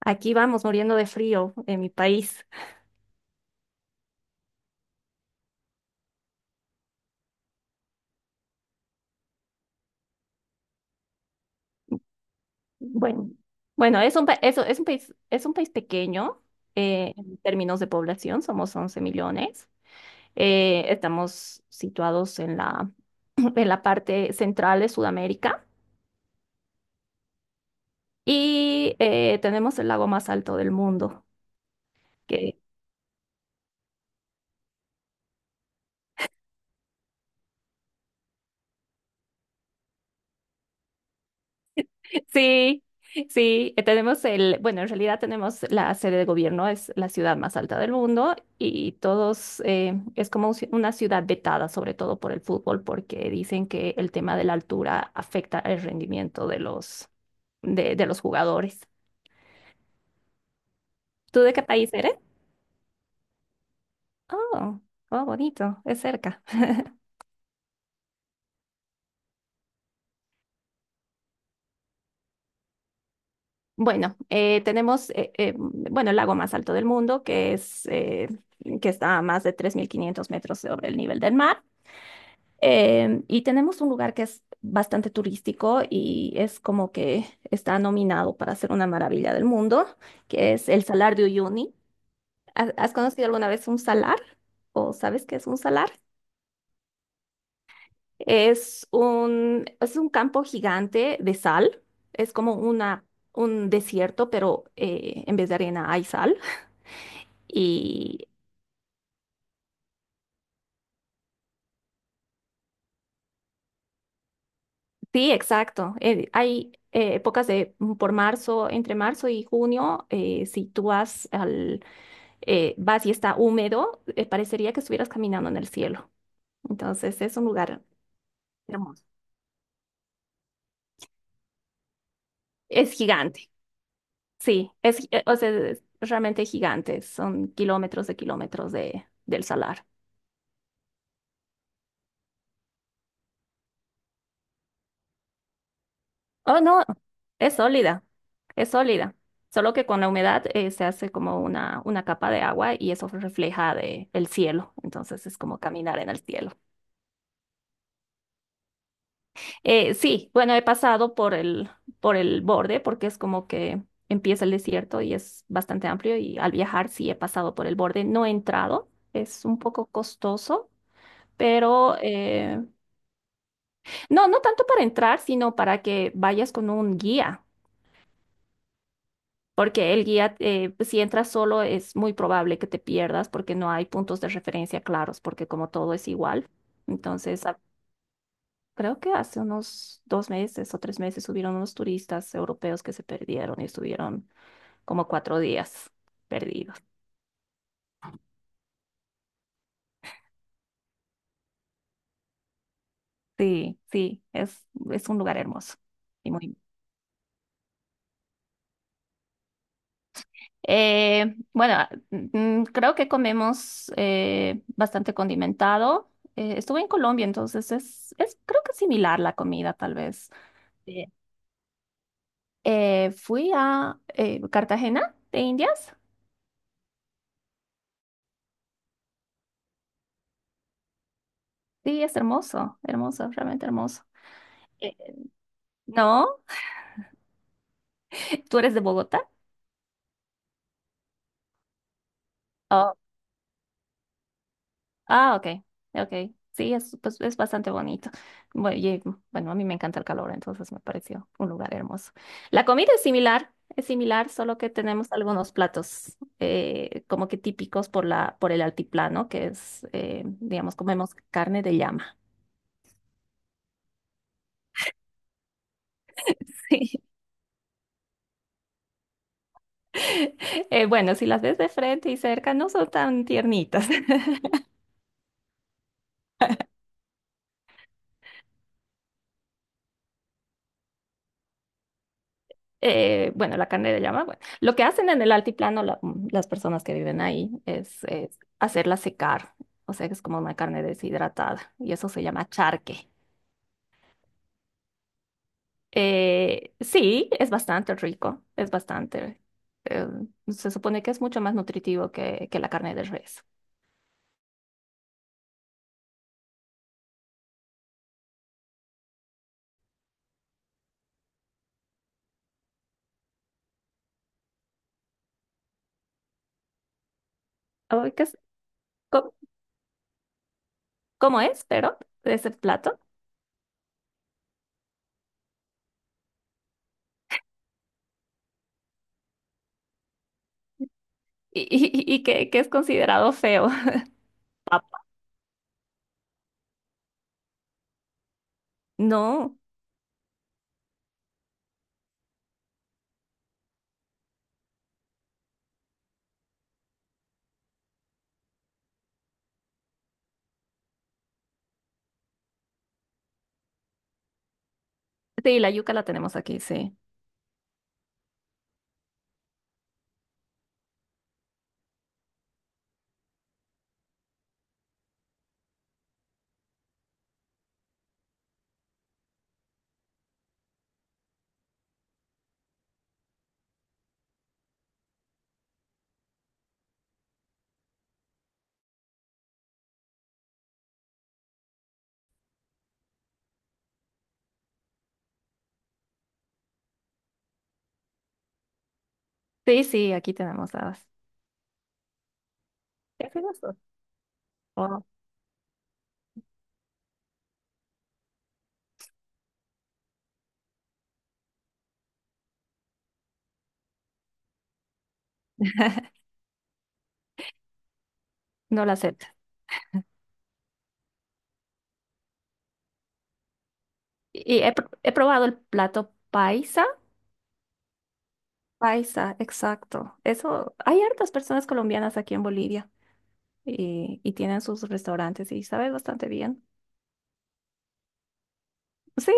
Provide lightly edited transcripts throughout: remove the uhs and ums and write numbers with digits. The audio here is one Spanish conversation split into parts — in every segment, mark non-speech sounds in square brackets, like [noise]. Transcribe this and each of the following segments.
Aquí vamos muriendo de frío en mi país. Bueno, bueno, es un, eso, es un país pequeño en términos de población, somos 11 millones. Estamos situados en [clears throat] en la parte central de Sudamérica y tenemos el lago más alto del mundo, que sí, sí, tenemos bueno, en realidad tenemos la sede de gobierno, es la ciudad más alta del mundo y todos, es como un una ciudad vetada, sobre todo por el fútbol, porque dicen que el tema de la altura afecta el rendimiento de de los jugadores. ¿Tú de qué país eres? Oh, oh, bonito, es cerca. [laughs] Bueno, tenemos, bueno, el lago más alto del mundo, que es, que está a más de 3.500 metros sobre el nivel del mar. Y tenemos un lugar que es bastante turístico y es como que está nominado para ser una maravilla del mundo, que es el Salar de Uyuni. ¿Has conocido alguna vez un salar? ¿O sabes qué es un salar? Es un campo gigante de sal. Es como una, un desierto, pero en vez de arena hay sal. Y sí, exacto. Hay épocas de, por marzo, entre marzo y junio, si tú vas al vas y está húmedo, parecería que estuvieras caminando en el cielo. Entonces es un lugar hermoso. Es gigante, sí, es, o sea, es realmente gigante. Son kilómetros de, del salar. Oh, no, es sólida, es sólida. Solo que con la humedad se hace como una capa de agua y eso refleja de, el cielo. Entonces es como caminar en el cielo. Sí, bueno, he pasado por por el borde porque es como que empieza el desierto y es bastante amplio y al viajar sí he pasado por el borde, no he entrado, es un poco costoso, pero no, no tanto para entrar, sino para que vayas con un guía, porque el guía, si entras solo es muy probable que te pierdas porque no hay puntos de referencia claros, porque como todo es igual, entonces creo que hace unos 2 meses o 3 meses subieron unos turistas europeos que se perdieron y estuvieron como 4 días perdidos. Sí, sí, es un lugar hermoso y muy... bueno, creo que comemos bastante condimentado. Estuve en Colombia, entonces es creo que similar la comida, tal vez. Sí. Fui a Cartagena de Indias. Sí, es hermoso, hermoso, realmente hermoso. Eh, ¿No? ¿Tú eres de Bogotá? Oh, ah, ok, ok. Sí, es, pues, es bastante bonito. Bueno, y, bueno, a mí me encanta el calor, entonces me pareció un lugar hermoso. La comida es similar, solo que tenemos algunos platos como que típicos por por el altiplano, que es, digamos, comemos carne de llama. [laughs] Sí. Bueno, si las ves de frente y cerca, no son tan tiernitas. Bueno, la carne de llama, bueno, lo que hacen en el altiplano las personas que viven ahí es hacerla secar, o sea, que es como una carne deshidratada y eso se llama charque. Sí, es bastante rico, es bastante, eh, se supone que es mucho más nutritivo que la carne de res. Ay, ¿qué es? ¿Cómo, cómo es, pero, ese plato? Y que es considerado feo. [laughs] Papa. No, sí, la yuca la tenemos aquí, sí. Sí, sí, aquí tenemos las. Oh, no la acepta. Y he probado el plato paisa. Paisa, exacto. Eso, hay hartas personas colombianas aquí en Bolivia y tienen sus restaurantes y sabe bastante bien. Sí,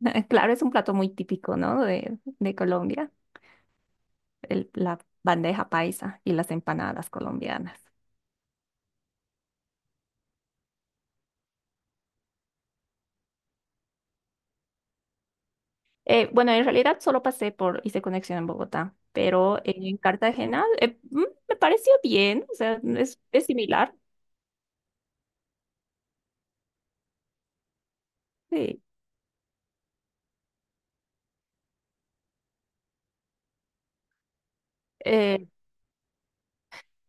[laughs] claro, es un plato muy típico, ¿no? De Colombia, la bandeja paisa y las empanadas colombianas. Bueno, en realidad solo pasé por, hice conexión en Bogotá, pero en Cartagena me pareció bien, o sea, es similar. Sí. Eh,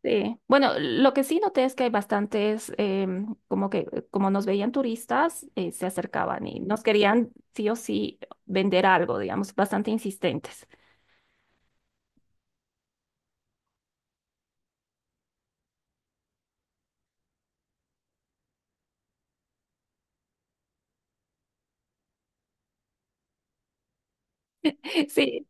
Sí. Bueno, lo que sí noté es que hay bastantes, como que como nos veían turistas, se acercaban y nos querían sí o sí vender algo, digamos, bastante insistentes. [laughs] Sí,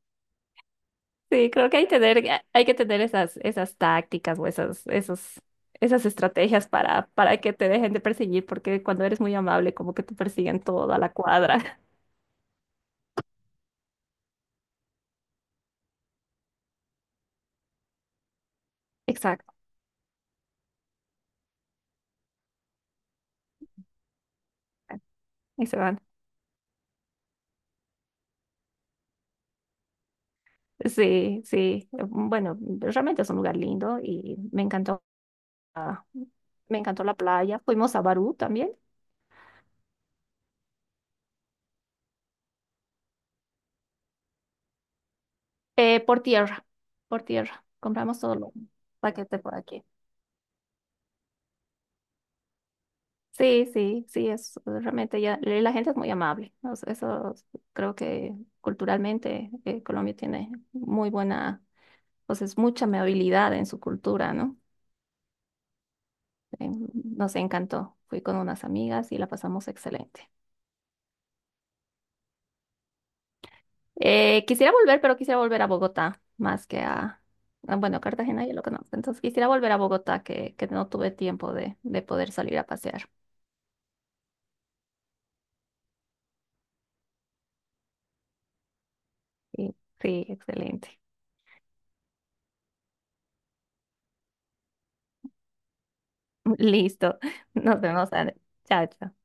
sí, creo que hay que tener esas, esas tácticas o esas, esos, esas estrategias para que te dejen de perseguir, porque cuando eres muy amable, como que te persiguen toda la cuadra. [laughs] Exacto, y se van. Sí, sí. Bueno, realmente es un lugar lindo y me encantó. Ah, me encantó la playa. Fuimos a Barú también. Por tierra, por tierra. Compramos todo lo paquete por aquí. Sí, sí, sí, es realmente ya, la gente es muy amable. O sea, eso, creo que culturalmente Colombia tiene muy buena, pues es mucha amabilidad en su cultura, ¿no? Nos encantó. Fui con unas amigas y la pasamos excelente. Quisiera volver, pero quisiera volver a Bogotá más que a, bueno, Cartagena ya lo conozco. Entonces quisiera volver a Bogotá que no tuve tiempo de poder salir a pasear. Sí, sí, excelente. [laughs] Listo. Nos vemos, Ana. Chao, chao.